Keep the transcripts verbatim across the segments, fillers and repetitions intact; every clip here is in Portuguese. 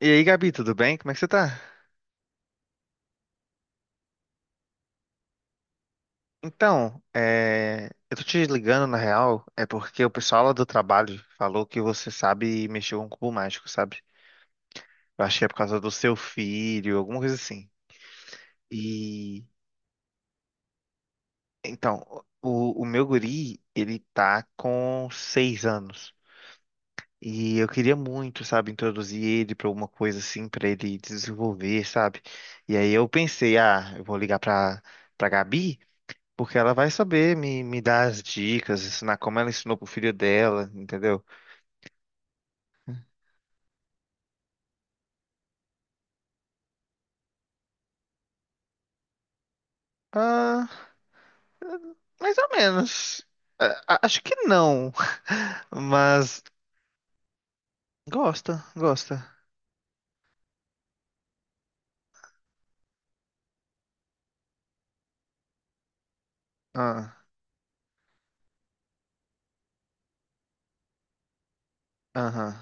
E aí, Gabi, tudo bem? Como é que você tá? Então, é, eu tô te ligando na real, é porque o pessoal lá do trabalho falou que você sabe mexer com cubo mágico, sabe? Eu acho que é por causa do seu filho, alguma coisa assim. E então, o, o meu guri, ele tá com seis anos. E eu queria muito, sabe, introduzir ele pra alguma coisa assim, pra ele desenvolver, sabe? E aí eu pensei, ah, eu vou ligar pra, pra Gabi. Porque ela vai saber me, me dar as dicas, ensinar como ela ensinou pro filho dela, entendeu? Ah, mais ou menos. A- a- acho que não. Mas gosta, gosta. Ah, aham.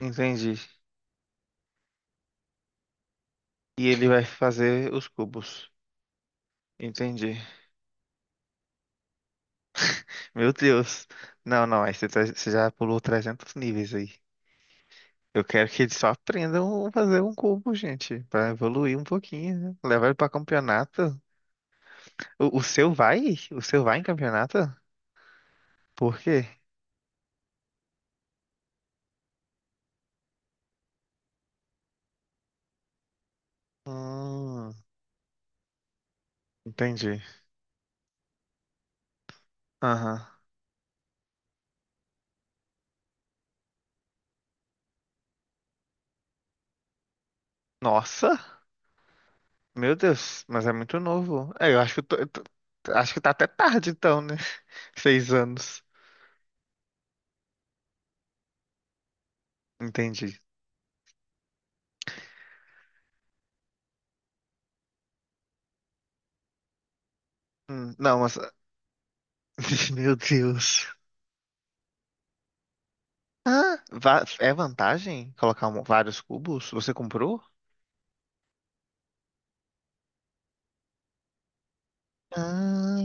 Entendi. E ele vai fazer os cubos. Entendi. Meu Deus. Não, não. Aí você, tá- você já pulou trezentos níveis aí. Eu quero que eles só aprendam a fazer um cubo, gente. Pra evoluir um pouquinho, né? Levar ele pra campeonato. O, o seu vai? O seu vai em campeonato? Por quê? Hum, entendi. Aham. Nossa, meu Deus, mas é muito novo. É, eu acho que eu tô- eu tô- acho que tá até tarde então, né? Seis anos. Entendi. Hum, não, mas meu Deus. Ah, va- é vantagem colocar um- vários cubos? Você comprou? Ah,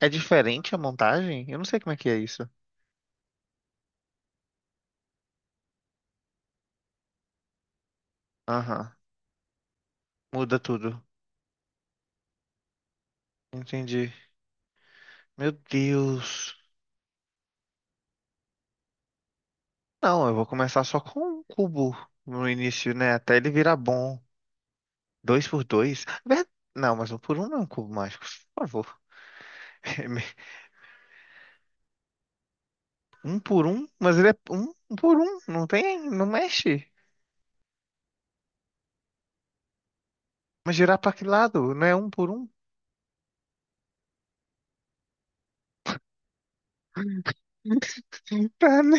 é diferente a montagem? Eu não sei como é que é isso. Aham. Muda tudo. Entendi. Meu Deus. Não, eu vou começar só com um cubo no início, né? Até ele virar bom. Dois por dois. Ver- Não, mas um por um não é um cubo mágico. Por favor. Um por um, mas ele é um um por um. Não tem, não mexe. Mas girar pra que lado? Não é um por um? Tá, né?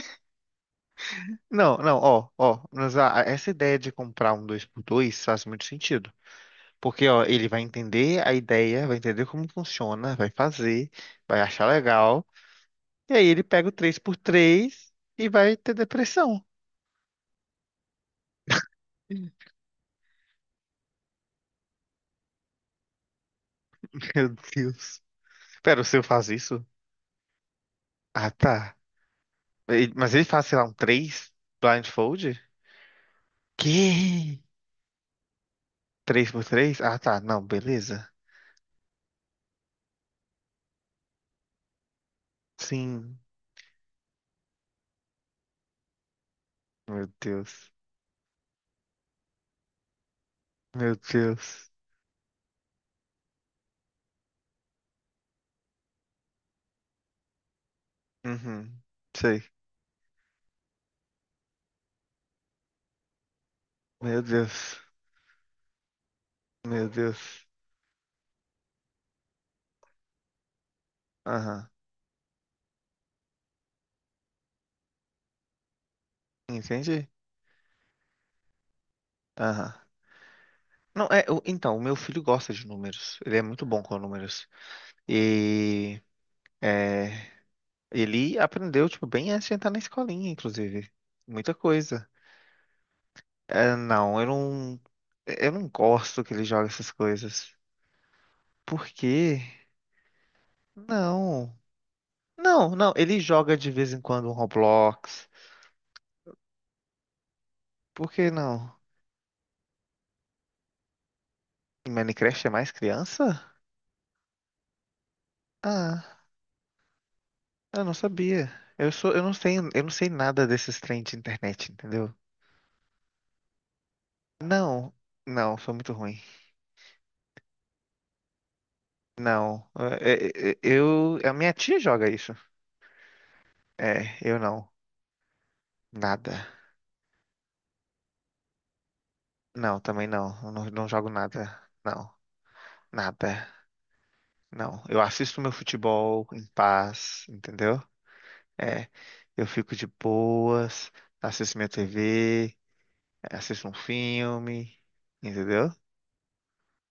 Não, não, ó, ó. Mas a- essa ideia de comprar um dois por dois faz muito sentido. Porque, ó, ele vai entender a ideia, vai entender como funciona, vai fazer, vai achar legal. E aí ele pega o três por três e vai ter depressão. Meu Deus. Pera, o seu faz isso? Ah, tá. Ele- Mas ele faz, sei lá, um três blindfold? Que? Três por três. Ah, tá. Não, beleza. Sim. Meu Deus. Meu Deus. Uhum. Sei. Meu Deus. Meu Deus. Aham. Entendi? Aham. Não, é, o- então, o meu filho gosta de números. Ele é muito bom com números. E. É, ele aprendeu, tipo, bem antes de entrar na escolinha, inclusive. Muita coisa. É, não, eu não. Eu não gosto que ele joga essas coisas. Por quê? Não. Não, não. Ele joga de vez em quando um Roblox. Por que não? Em Minecraft é mais criança? Ah, eu não sabia. Eu sou, eu não sei, eu não sei nada desses trem de internet, entendeu? Não, não, foi muito ruim. Não, é, é, é, eu, a minha tia joga isso. É, eu não, nada. Não, também não. Eu não, não jogo nada. Não, nada. Não. Eu assisto meu futebol em paz, entendeu? É. Eu fico de boas, assisto minha T V, assisto um filme, entendeu?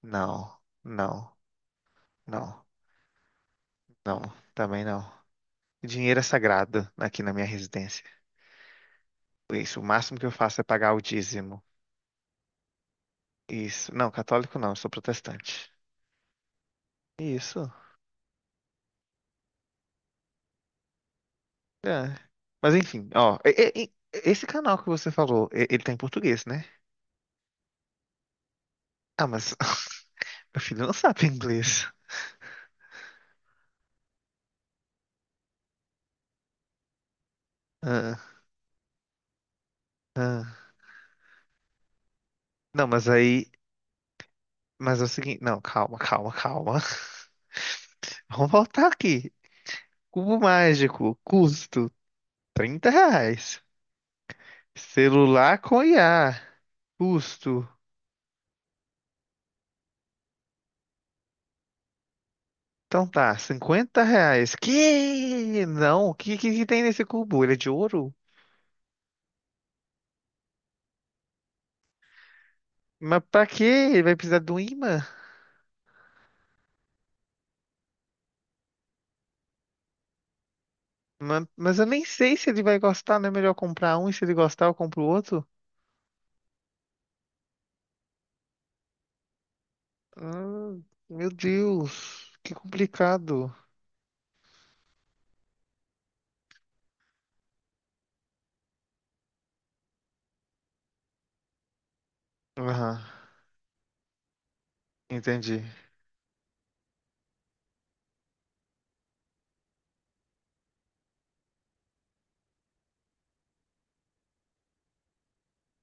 Não, não, não, não. Também não. Dinheiro é sagrado aqui na minha residência. Isso, o máximo que eu faço é pagar o dízimo. Isso. Não, católico não, eu sou protestante. Isso. É. Mas enfim, ó. e- e- e- Esse canal que você falou, e- ele tá em português, né? Ah, mas meu filho não sabe inglês. Ah, ah. Não, mas aí. Mas é o seguinte. Não, calma, calma, calma. Vamos voltar aqui. Cubo mágico, custo trinta reais. Celular com I A, custo. Então tá, cinquenta reais. Que? Não, o que, que que tem nesse cubo? Ele é de ouro? Mas pra quê? Ele vai precisar do ímã? Ma- Mas eu nem sei se ele vai gostar, não é melhor comprar um e se ele gostar eu compro o outro? Ah, meu Deus, que complicado. Aham, entendi.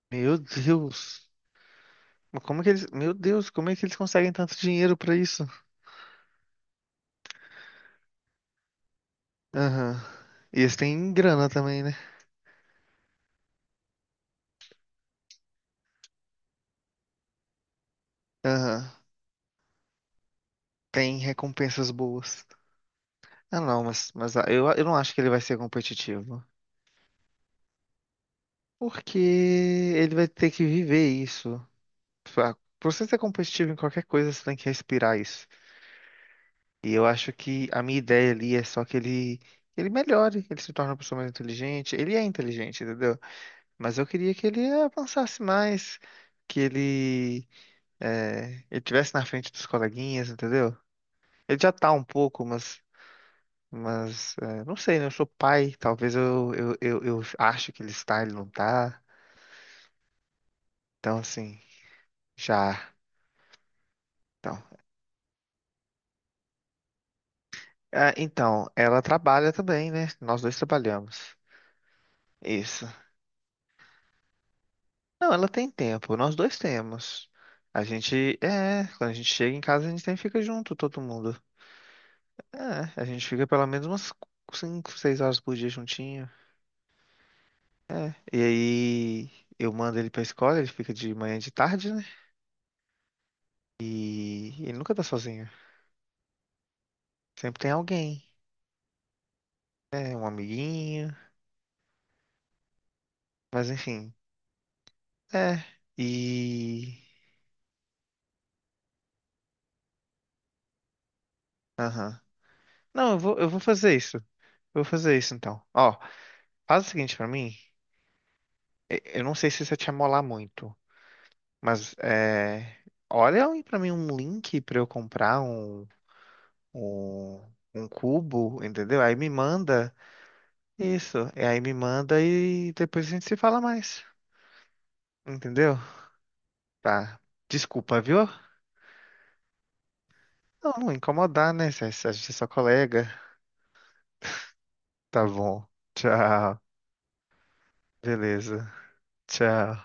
Meu Deus, mas como que eles, meu Deus, como é que eles conseguem tanto dinheiro pra isso? Aham, e eles têm grana também, né? Aham, tem recompensas boas. Ah, não, mas, mas ah, eu, eu não acho que ele vai ser competitivo. Porque ele vai ter que viver isso. Pra Pra você ser competitivo em qualquer coisa, você tem que respirar isso. E eu acho que a minha ideia ali é só que ele, ele melhore, ele se torne uma pessoa mais inteligente. Ele é inteligente, entendeu? Mas eu queria que ele avançasse mais, que ele, é, ele tivesse na frente dos coleguinhas, entendeu? Ele já tá um pouco, mas, mas é, não sei, né? Eu sou pai, talvez eu, eu, eu, eu acho que ele está, ele não tá. Então, assim, já. Então, ah, então, ela trabalha também, né? Nós dois trabalhamos. Isso. Não, ela tem tempo, nós dois temos. A gente, é, quando a gente chega em casa, a gente sempre fica junto, todo mundo. É, a gente fica pelo menos umas cinco, seis horas por dia juntinho. É, e aí eu mando ele pra escola, ele fica de manhã e de tarde, né? E ele nunca tá sozinho. Sempre tem alguém, né? Um amiguinho, mas enfim. É, e... Aham. Não, eu vou, eu vou fazer isso. Eu vou fazer isso então. Ó, faz o seguinte pra mim. e- Eu não sei se isso vai te amolar muito. Mas é, olha aí pra mim um link pra eu comprar um, um, um cubo, entendeu? Aí me manda isso, e aí me manda e depois a gente se fala mais, entendeu? Tá. Desculpa, viu? Não, não incomodar, né? Se se a gente é só colega. Tá bom. Tchau. Beleza. Tchau.